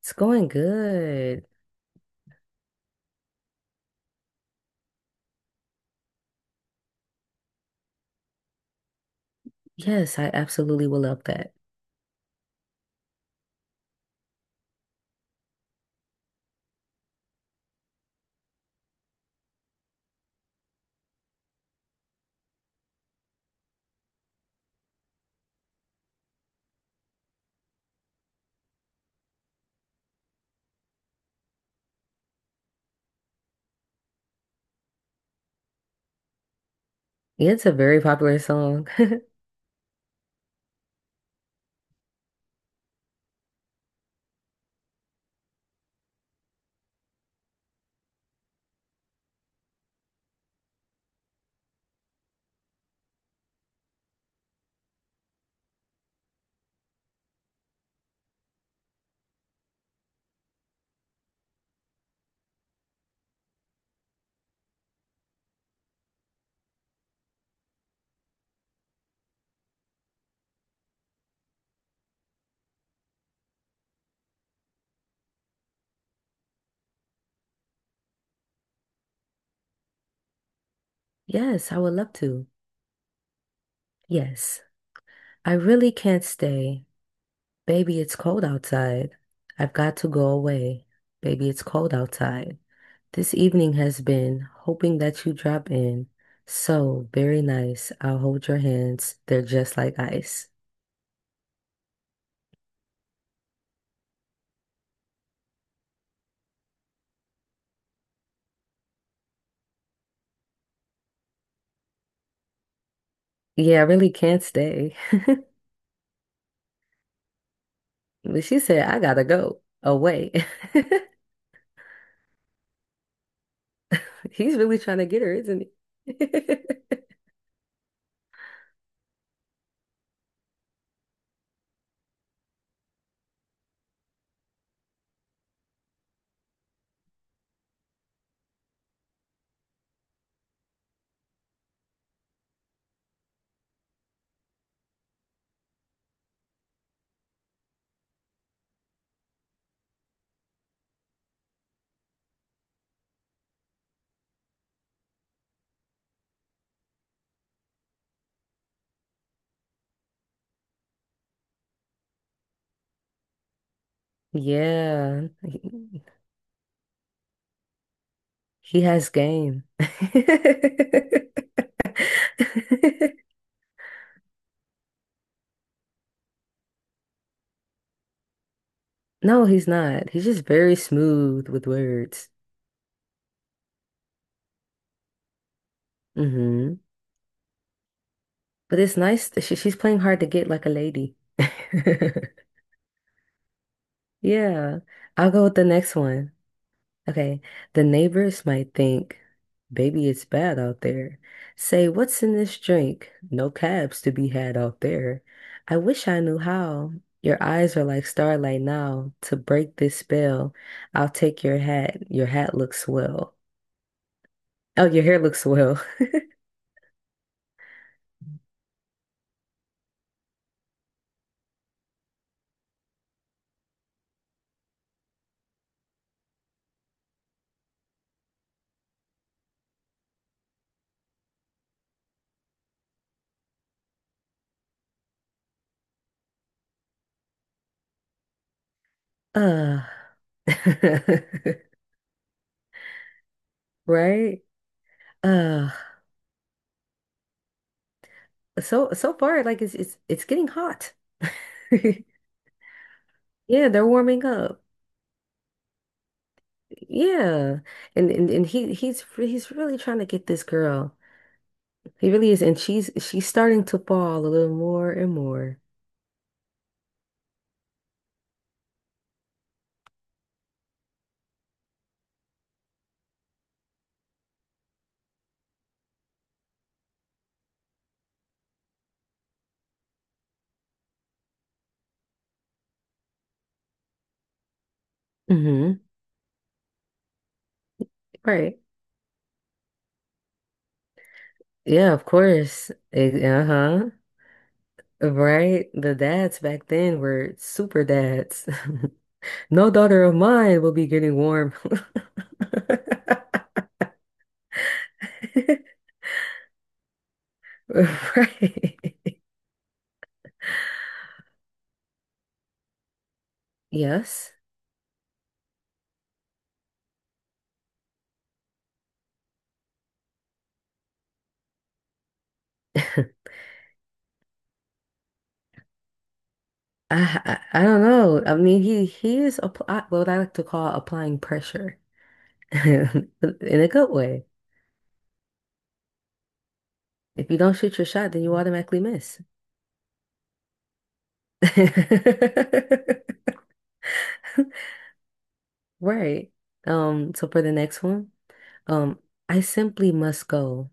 It's going good. Yes, I absolutely will love that. Yeah, it's a very popular song. Yes, I would love to. Yes, I really can't stay. Baby, it's cold outside. I've got to go away. Baby, it's cold outside. This evening has been hoping that you drop in. So very nice. I'll hold your hands. They're just like ice. Yeah, I really can't stay. But she said, I gotta go away. He's really trying to get her, isn't he? Yeah, he has game. No, he's not. He's just very smooth with words. Hmm. But it's nice that she's playing hard to get like a lady. Yeah, I'll go with the next one. Okay, the neighbors might think, baby, it's bad out there. Say, what's in this drink? No cabs to be had out there. I wish I knew how. Your eyes are like starlight now. To break this spell, I'll take your hat. Your hat looks swell. Oh, your hair looks swell. Uh, right? Uh, so so far, like it's getting hot. Yeah, they're warming up. Yeah. And he's really trying to get this girl. He really is. And she's starting to fall a little more and more. Hmm. Right. Yeah, of course. It- uh-huh. Right. The dads back then were super dads. No daughter of mine will be getting warm. Right. Yes. I, I don't know. I mean, he is apply what I like to call applying pressure in a good way. If you don't shoot your shot, then you automatically miss. Right. So for the next one, um, I simply must go.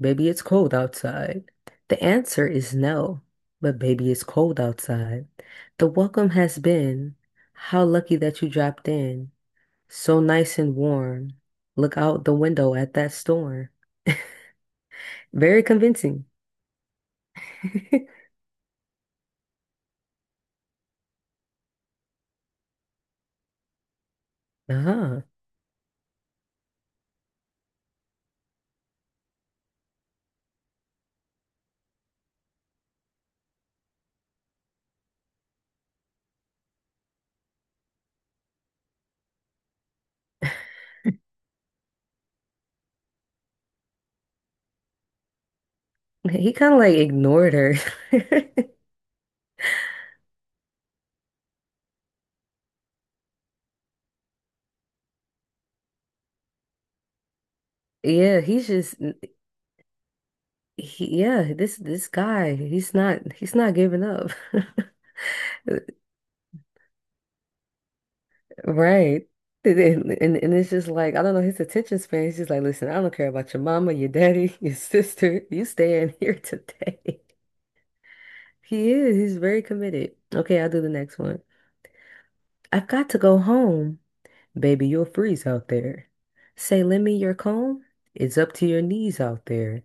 Baby, it's cold outside. The answer is no, but baby, it's cold outside. The welcome has been, how lucky that you dropped in. So nice and warm. Look out the window at that storm. Very convincing. Uh-huh. He kind of like ignored her. Yeah, yeah, this guy, he's not giving up. Right. And, and it's just like, I don't know, his attention span. He's just like, listen, I don't care about your mama, your daddy, your sister. You staying here today. He is. He's very committed. Okay, I'll do the next one. I've got to go home. Baby, you'll freeze out there. Say, lend me your comb. It's up to your knees out there.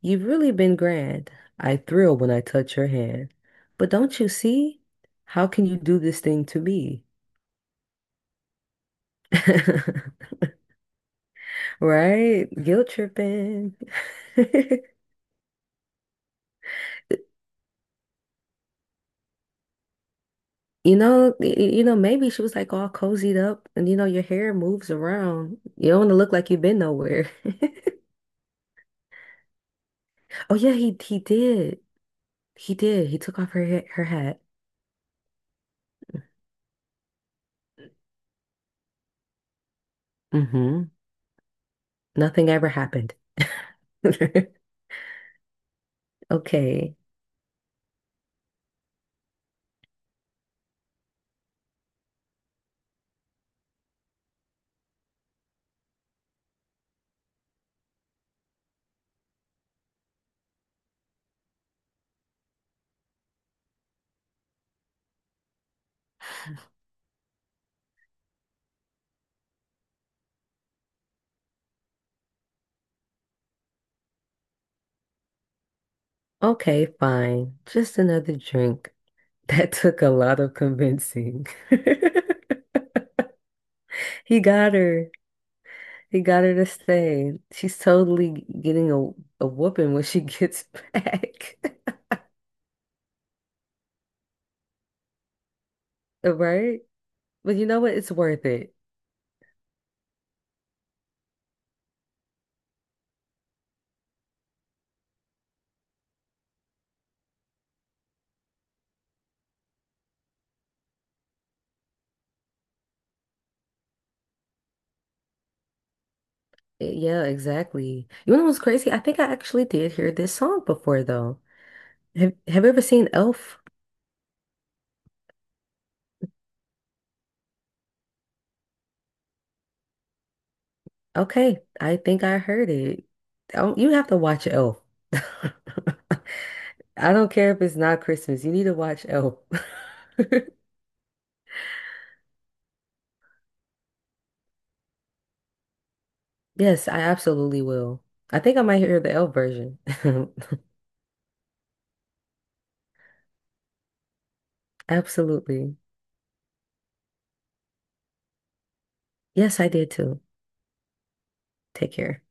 You've really been grand. I thrill when I touch your hand. But don't you see? How can you do this thing to me? Right? Guilt tripping. You know, you know, maybe she was like all cozied up and you know your hair moves around. You don't want to look like you've been nowhere. Oh yeah, he did. He did. He took off her her hat. Mm-hmm. Nothing ever happened. Okay. Okay, fine. Just another drink. That took a lot of convincing. He got her. He got her to stay. She's totally getting a whooping when she gets back. Right? But you know what? It's worth it. Eh, yeah, exactly. You know what's crazy? I think I actually did hear this song before, though. Have you ever seen Elf? Okay, I think I heard it. Oh, you have to watch Elf. I don't care if it's not Christmas. You need to watch Elf. Yes, I absolutely will. I think I might hear the Elf version. Absolutely. Yes, I did too. Take care.